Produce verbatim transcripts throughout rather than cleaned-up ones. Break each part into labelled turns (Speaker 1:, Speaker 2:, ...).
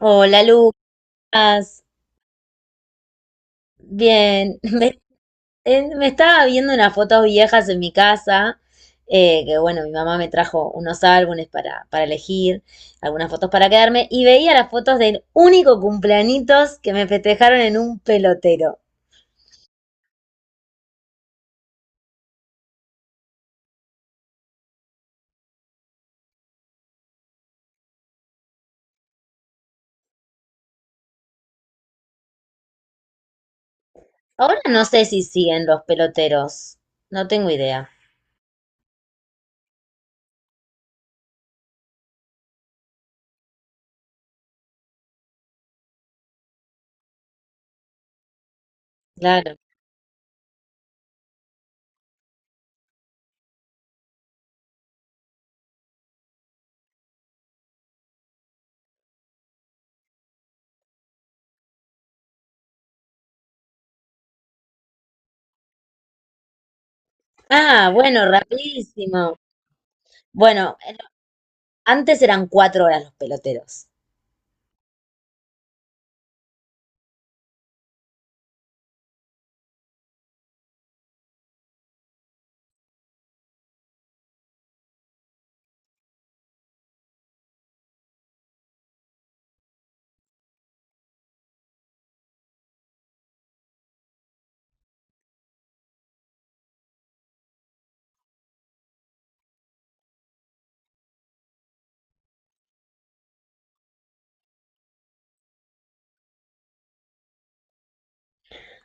Speaker 1: Hola, Lucas. Bien. Me, eh, me estaba viendo unas fotos viejas en mi casa, eh, que bueno, mi mamá me trajo unos álbumes para, para elegir, algunas fotos para quedarme, y veía las fotos del único cumpleañitos que me festejaron en un pelotero. Ahora no sé si siguen los peloteros, no tengo idea. Claro. Ah, bueno, rapidísimo. Bueno, eh, antes eran cuatro horas los peloteros.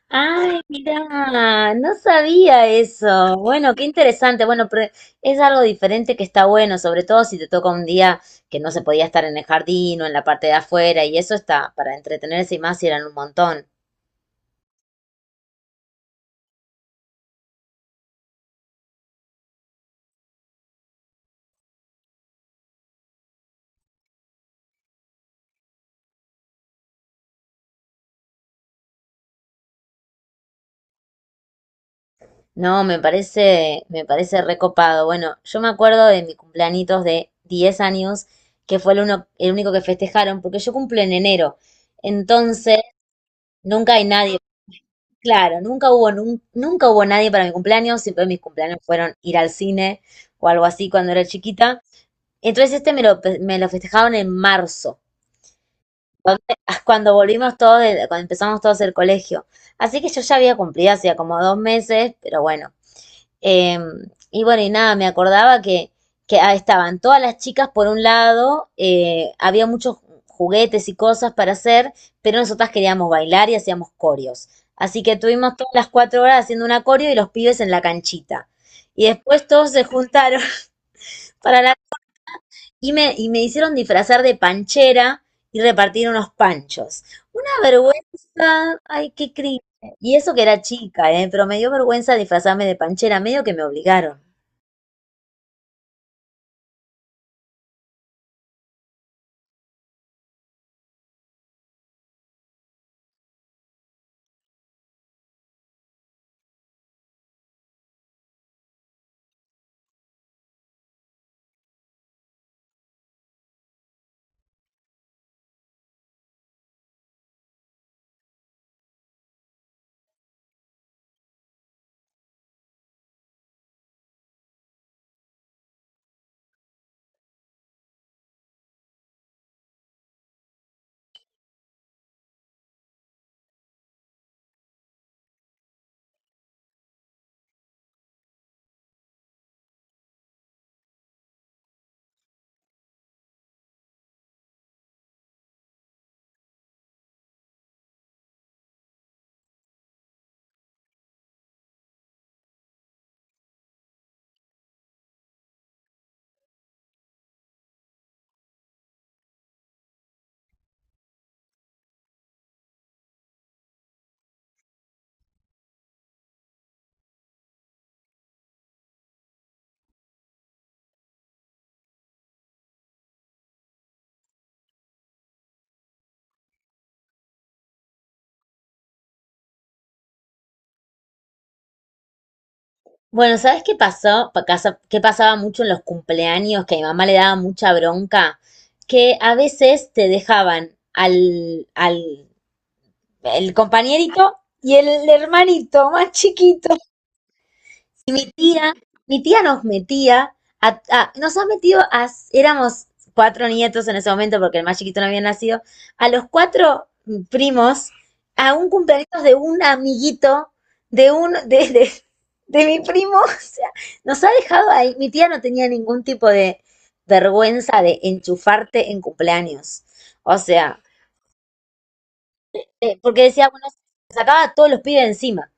Speaker 1: Ay, mira, no sabía eso. Bueno, qué interesante. Bueno, pero es algo diferente que está bueno, sobre todo si te toca un día que no se podía estar en el jardín o en la parte de afuera, y eso está para entretenerse y más si eran un montón. No, me parece, me parece recopado. Bueno, yo me acuerdo de mi cumpleañitos de diez años, que fue el uno, el único que festejaron, porque yo cumplo en enero. Entonces, nunca hay nadie. Claro, nunca hubo, nun- nunca hubo nadie para mi cumpleaños, siempre mis cumpleaños fueron ir al cine o algo así cuando era chiquita. Entonces este me lo, pe- me lo festejaron en marzo, donde- cuando volvimos todos, de- cuando empezamos todos el colegio. Así que yo ya había cumplido hacía como dos meses, pero bueno. Eh, y bueno, y nada, me acordaba que, que ah, estaban todas las chicas por un lado, eh, había muchos juguetes y cosas para hacer, pero nosotras queríamos bailar y hacíamos corios. Así que tuvimos todas las cuatro horas haciendo una coreo y los pibes en la canchita. Y después todos se juntaron. para la... Y me, y me hicieron disfrazar de panchera y repartir unos panchos. Una vergüenza, ay, qué cringe. Y eso que era chica, eh, pero me dio vergüenza disfrazarme de panchera, medio que me obligaron. Bueno, ¿sabes qué pasó? Pa- casa- ¿Qué pasaba mucho en los cumpleaños? Que a mi mamá le daba mucha bronca, que a veces te dejaban al, al el compañerito y el hermanito más chiquito, y mi tía, mi tía nos metía. A- a- nos ha metido, a, éramos cuatro nietos en ese momento porque el más chiquito no había nacido, a los cuatro primos, a un cumpleaños de un amiguito, de un, de, de, de mi primo. O sea, nos ha dejado ahí. Mi tía no tenía ningún tipo de vergüenza de enchufarte en cumpleaños. O sea, eh, porque decía, bueno, sacaba a todos los pibes encima.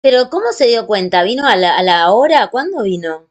Speaker 1: Pero ¿cómo se dio cuenta? ¿Vino a la, a la hora? ¿Cuándo vino?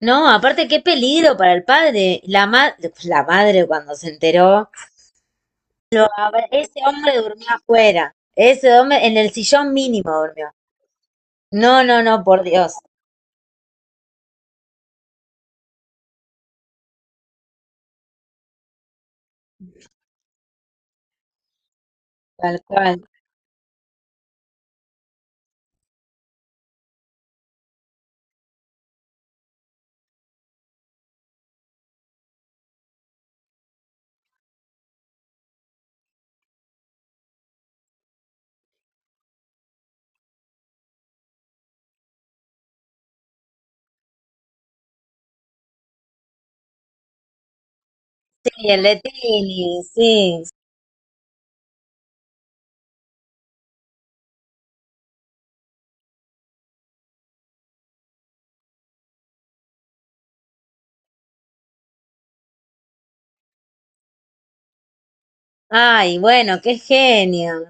Speaker 1: No, aparte qué peligro para el padre. La ma- pues, la madre cuando se enteró, a ver, ese hombre durmió afuera. Ese hombre en el sillón mínimo durmió. No, no, no, por Dios. Tal cual. Y el Letini, sí. Ay, bueno, qué genio.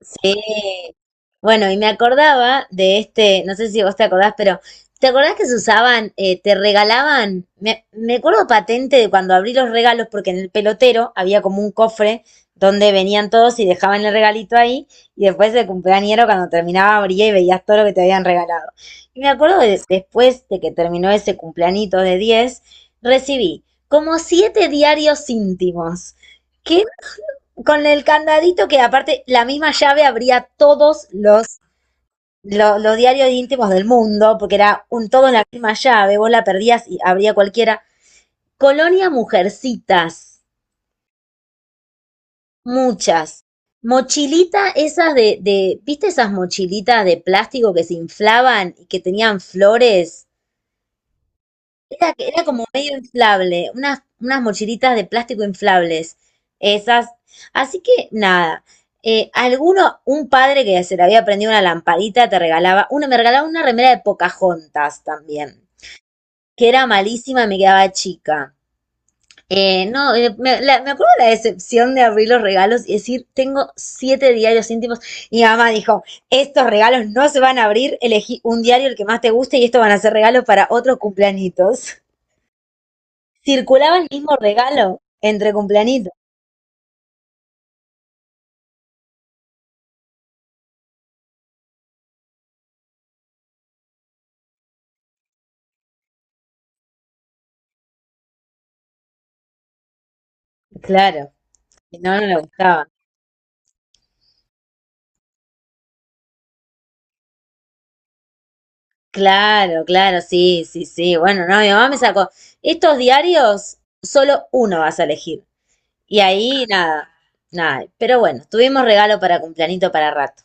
Speaker 1: Sí. Bueno, y me acordaba de este, no sé si vos te acordás, pero ¿te acordás que se usaban, eh, te regalaban? Me, me acuerdo patente de cuando abrí los regalos, porque en el pelotero había como un cofre donde venían todos y dejaban el regalito ahí, y después el cumpleañero cuando terminaba abría y veías todo lo que te habían regalado. Y me acuerdo de- después de que terminó ese cumpleañito de diez, recibí como siete diarios íntimos. ¿Qué? Con el candadito que aparte la misma llave abría todos los, lo- los diarios íntimos del mundo, porque era un todo en la misma llave, vos la perdías y abría cualquiera. Colonia Mujercitas, muchas. Mochilita esas de, de, ¿viste esas mochilitas de plástico que se inflaban y que tenían flores? Era, era como medio inflable, unas, unas mochilitas de plástico inflables, esas. Así que nada, eh, alguno, un padre que se le había prendido una lamparita te regalaba, uno me regalaba una remera de Pocahontas también, que era malísima y me quedaba chica. Eh, no, eh, me, la- me acuerdo la decepción de abrir los regalos y decir, tengo siete diarios íntimos. Y mi mamá dijo, estos regalos no se van a abrir, elegí un diario el que más te guste y estos van a ser regalos para otros cumpleañitos. Circulaba el mismo regalo entre cumpleañitos. Claro, si no, no le gustaba. Claro, claro, sí, sí, sí. Bueno, no, mi mamá me sacó. Estos diarios, solo uno vas a elegir. Y ahí nada, nada. Pero bueno, tuvimos regalo para cumpleañito para rato.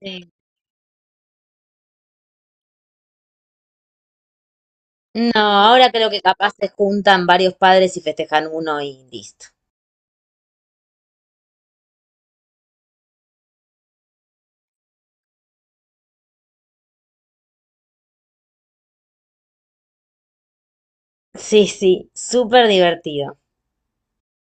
Speaker 1: Sí. No, ahora creo que capaz se juntan varios padres y festejan uno y listo. Sí, sí, súper divertido.